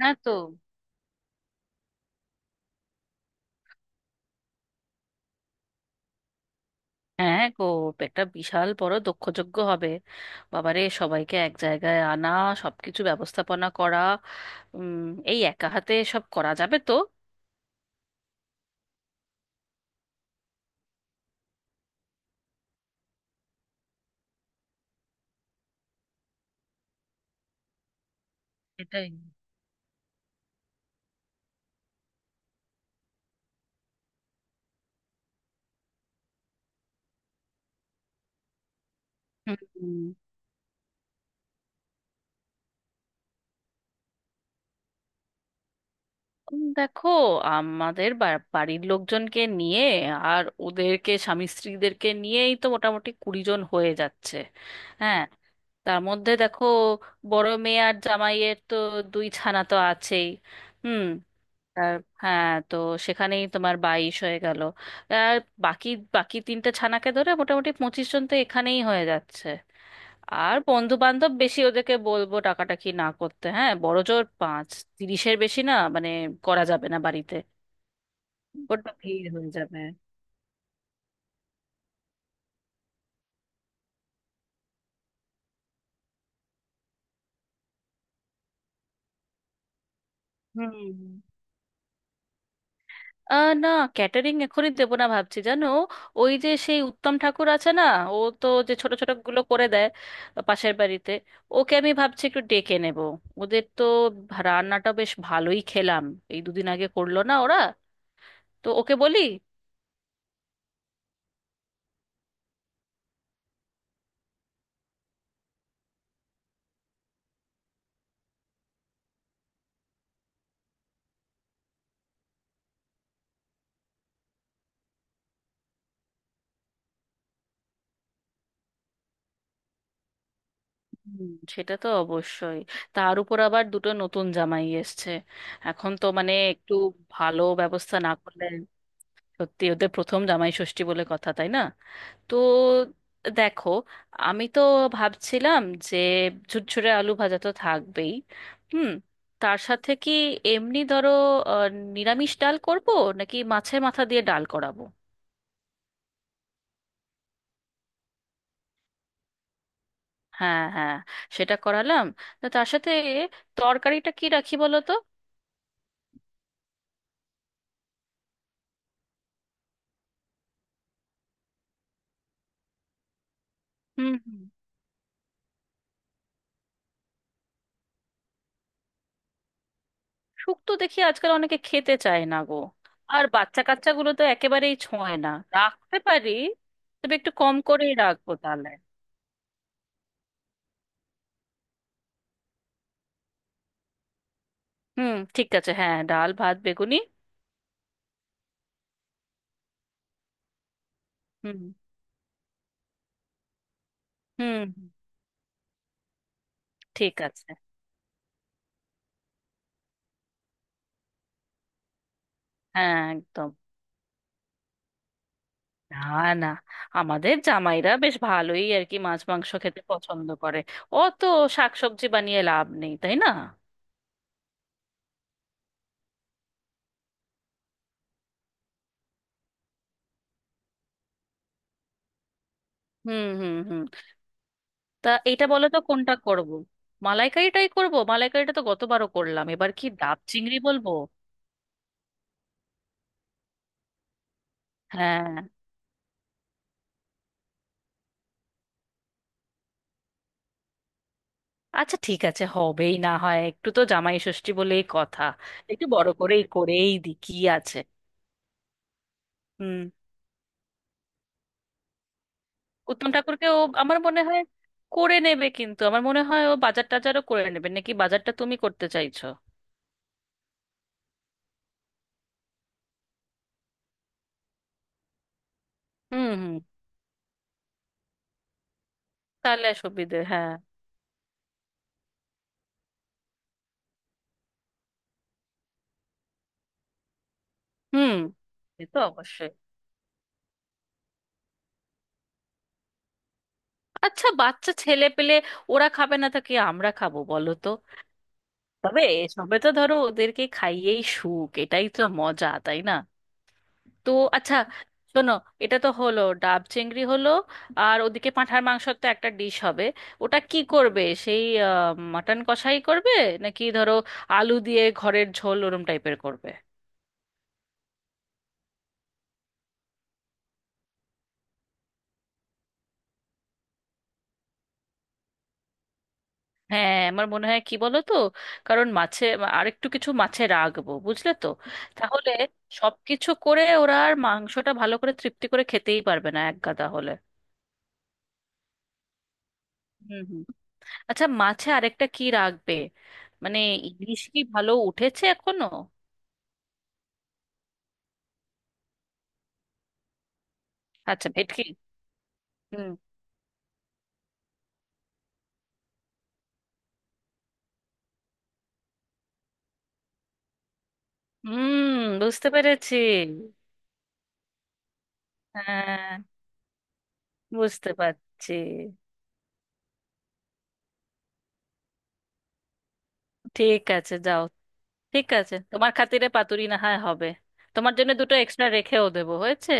না তো। হ্যাঁ গো। একটা বিশাল বড় দক্ষযজ্ঞ হবে। বাবারে, সবাইকে এক জায়গায় আনা, সবকিছু ব্যবস্থাপনা করা। উম এই একা হাতে সব করা যাবে তো? এটাই। হুম। দেখো, আমাদের বাড়ির লোকজনকে নিয়ে আর ওদেরকে স্বামী স্ত্রীদেরকে নিয়েই তো মোটামুটি 20 জন হয়ে যাচ্ছে। হ্যাঁ। তার মধ্যে দেখো, বড় মেয়ে আর জামাইয়ের তো দুই ছানা তো আছেই। হুম। আর, হ্যাঁ তো সেখানেই তোমার 22 হয়ে গেল। আর বাকি বাকি তিনটে ছানাকে ধরে মোটামুটি 25 জন তো এখানেই হয়ে যাচ্ছে। আর বন্ধু বান্ধব বেশি ওদেরকে বলবো টাকাটা কি না করতে, হ্যাঁ বড় জোর পাঁচ। 30-এর বেশি না, মানে করা যাবে না বাড়িতে। বড্ড ভিড় হয়ে যাবে। হুম। না, ক্যাটারিং এখনই দেবো না ভাবছি, জানো। ওই যে সেই উত্তম ঠাকুর আছে না, ও তো যে ছোট ছোট গুলো করে দেয় পাশের বাড়িতে, ওকে আমি ভাবছি একটু ডেকে নেব। ওদের তো রান্নাটা বেশ ভালোই খেলাম এই দুদিন আগে, করলো না ওরা? তো ওকে বলি। হুম। সেটা তো অবশ্যই। তার উপর আবার দুটো নতুন জামাই এসছে, এখন তো মানে একটু ভালো ব্যবস্থা না করলে। সত্যি, ওদের প্রথম জামাই ষষ্ঠী বলে কথা, তাই না? তো দেখো, আমি তো ভাবছিলাম যে ঝুরঝুরে আলু ভাজা তো থাকবেই। হুম। তার সাথে কি, এমনি ধরো, আহ, নিরামিষ ডাল করব নাকি মাছের মাথা দিয়ে ডাল করাবো? হ্যাঁ হ্যাঁ, সেটা করালাম। তো তার সাথে তরকারিটা কি রাখি বলো তো? হুম হুম। শুক্তো দেখি আজকাল অনেকে খেতে চায় না গো। আর বাচ্চা কাচ্চাগুলো তো একেবারেই ছোঁয় না। রাখতে পারি। তবে একটু কম করেই রাখবো তাহলে। হুম ঠিক আছে, হ্যাঁ ডাল ভাত বেগুনি। হুম হুম। ঠিক আছে। হ্যাঁ একদম। না না, আমাদের জামাইরা বেশ ভালোই আর কি মাছ মাংস খেতে পছন্দ করে। অত শাকসবজি বানিয়ে লাভ নেই, তাই না? হুম হুম হুম। তা এটা বলো তো, কোনটা করব? মালাইকারিটাই করব? মালাইকারিটা তো গতবারও করলাম, এবার কি ডাব চিংড়ি বলবো? হ্যাঁ। আচ্ছা, ঠিক আছে, হবেই না হয় একটু, তো জামাই ষষ্ঠী বলেই কথা। একটু বড় করেই করেই দি, কি আছে। হুম। উত্তম ঠাকুরকে ও আমার মনে হয় করে নেবে, কিন্তু আমার মনে হয় ও বাজার টাজারও করে নেবে, নাকি বাজারটা তুমি করতে চাইছো? হুম হুম। তাহলে আর সুবিধে, হ্যাঁ। হুম। সে তো অবশ্যই। আচ্ছা, বাচ্চা ছেলে পেলে ওরা খাবে না তো কি আমরা খাবো বলো তো? তবে এসবে তো ধরো ওদেরকে খাইয়েই সুখ, এটাই তো মজা, তাই না? তো আচ্ছা শোনো, এটা তো হলো, ডাব চিংড়ি হলো। আর ওদিকে পাঁঠার মাংসের তো একটা ডিশ হবে। ওটা কি করবে, সেই মাটন কষাই করবে নাকি ধরো আলু দিয়ে ঘরের ঝোল ওরম টাইপের করবে? হ্যাঁ আমার মনে হয় কি বলো তো, কারণ মাছে আরেকটু কিছু মাছে রাখবো বুঝলে তো। তাহলে সবকিছু করে ওরা আর মাংসটা ভালো করে তৃপ্তি করে খেতেই পারবে না, এক গাদা হলে। হুম হুম। আচ্ছা মাছে আরেকটা কি রাখবে? মানে ইলিশ কি ভালো উঠেছে এখনো? আচ্ছা ভেটকি। হুম। হুম বুঝতে পেরেছি। হ্যাঁ বুঝতে পারছি। ঠিক আছে যাও। ঠিক আছে, তোমার খাতিরে পাতুরি না হয় হবে। তোমার জন্য দুটো এক্সট্রা রেখেও দেবো, হয়েছে।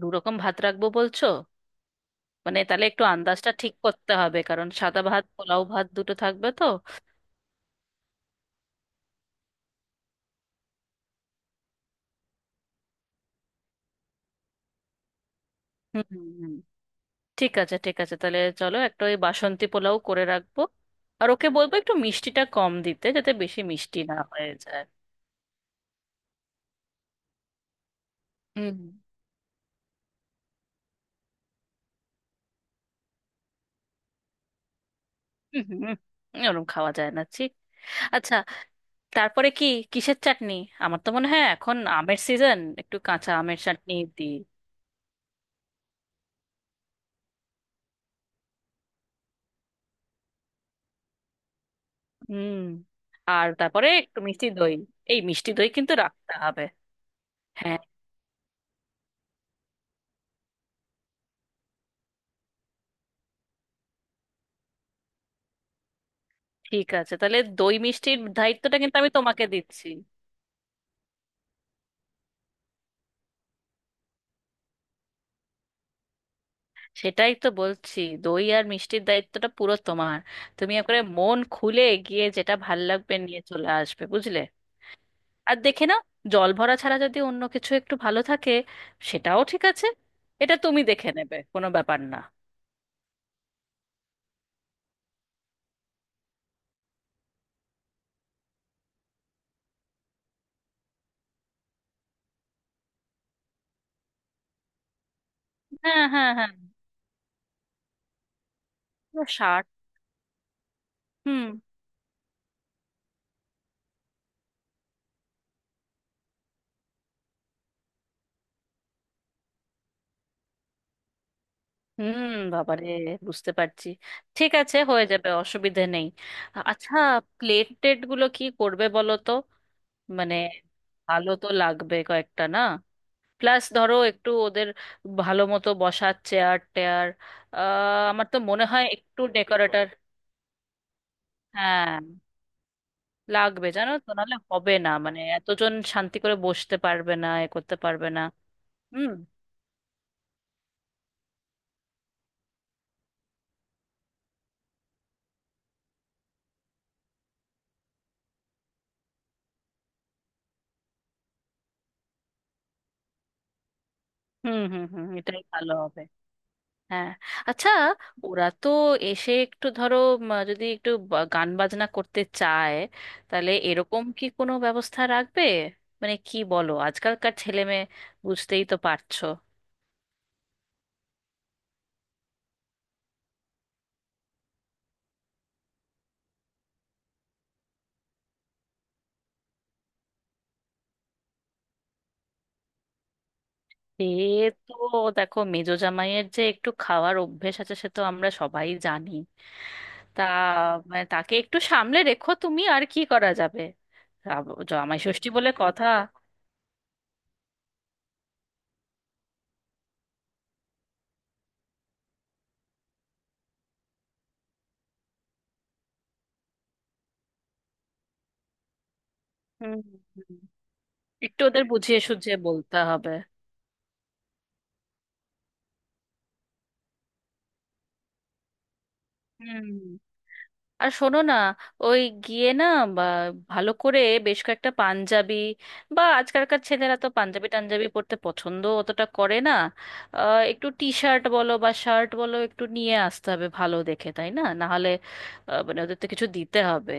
দু রকম ভাত রাখবো বলছো? মানে তাহলে একটু আন্দাজটা ঠিক করতে হবে, কারণ সাদা ভাত পোলাও ভাত দুটো থাকবে তো। হুম হুম, হুম। ঠিক আছে, ঠিক আছে, তাহলে চলো একটা ওই বাসন্তী পোলাও করে রাখবো। আর ওকে বলবো একটু মিষ্টিটা কম দিতে, যাতে বেশি মিষ্টি না হয়ে যায়। হুম হুম হুম, ওরম খাওয়া যায় না, ঠিক। আচ্ছা তারপরে কি, কিসের চাটনি? আমার তো মনে হয় এখন আমের সিজন, একটু কাঁচা আমের চাটনি দিই। হুম। আর তারপরে একটু মিষ্টি দই, এই মিষ্টি দই কিন্তু রাখতে হবে। হ্যাঁ। ঠিক আছে, তাহলে দই মিষ্টির দায়িত্বটা কিন্তু আমি তোমাকে দিচ্ছি। সেটাই তো বলছি, দই আর মিষ্টির দায়িত্বটা পুরো তোমার। তুমি একবারে মন খুলে গিয়ে যেটা ভাল লাগবে নিয়ে চলে আসবে, বুঝলে। আর দেখে নাও, জল ভরা ছাড়া যদি অন্য কিছু একটু ভালো থাকে সেটাও ঠিক আছে। এটা তুমি দেখে নেবে, কোনো ব্যাপার না। হ্যাঁ হ্যাঁ হ্যাঁ। পুরো 60? হুম হুম। বাবারে, বুঝতে পারছি। ঠিক আছে হয়ে যাবে, অসুবিধে নেই। আচ্ছা, প্লেট টেট গুলো কি করবে বলো তো? মানে ভালো তো লাগবে কয়েকটা না। প্লাস ধরো একটু ওদের ভালো মতো বসার চেয়ার টেয়ার। আমার তো মনে হয় একটু ডেকোরেটর। হ্যাঁ লাগবে জানো তো, নাহলে হবে না মানে এতজন শান্তি করে বসতে পারবে না, এ করতে পারবে না। হুম হুম হুম হুম, এটাই ভালো হবে। হ্যাঁ। আচ্ছা, ওরা তো এসে একটু ধরো, যদি একটু গান বাজনা করতে চায়, তাহলে এরকম কি কোনো ব্যবস্থা রাখবে? মানে কি বলো, আজকালকার ছেলে মেয়ে বুঝতেই তো পারছো। সে তো, দেখো মেজো জামাইয়ের যে একটু খাওয়ার অভ্যেস আছে সে তো আমরা সবাই জানি। তা মানে তাকে একটু সামলে রেখো তুমি, আর কি করা যাবে। জামাই ষষ্ঠী বলে কথা। হুম হুম। একটু ওদের বুঝিয়ে সুঝিয়ে বলতে হবে। হুম। আর শোনো না, ওই গিয়ে না, বা ভালো করে বেশ কয়েকটা পাঞ্জাবি বা আজকালকার ছেলেরা তো পাঞ্জাবি টাঞ্জাবি পরতে পছন্দ অতটা করে না। একটু টি শার্ট বলো বা শার্ট বলো একটু নিয়ে আসতে হবে ভালো দেখে, তাই না, না হলে মানে ওদের তো কিছু দিতে হবে।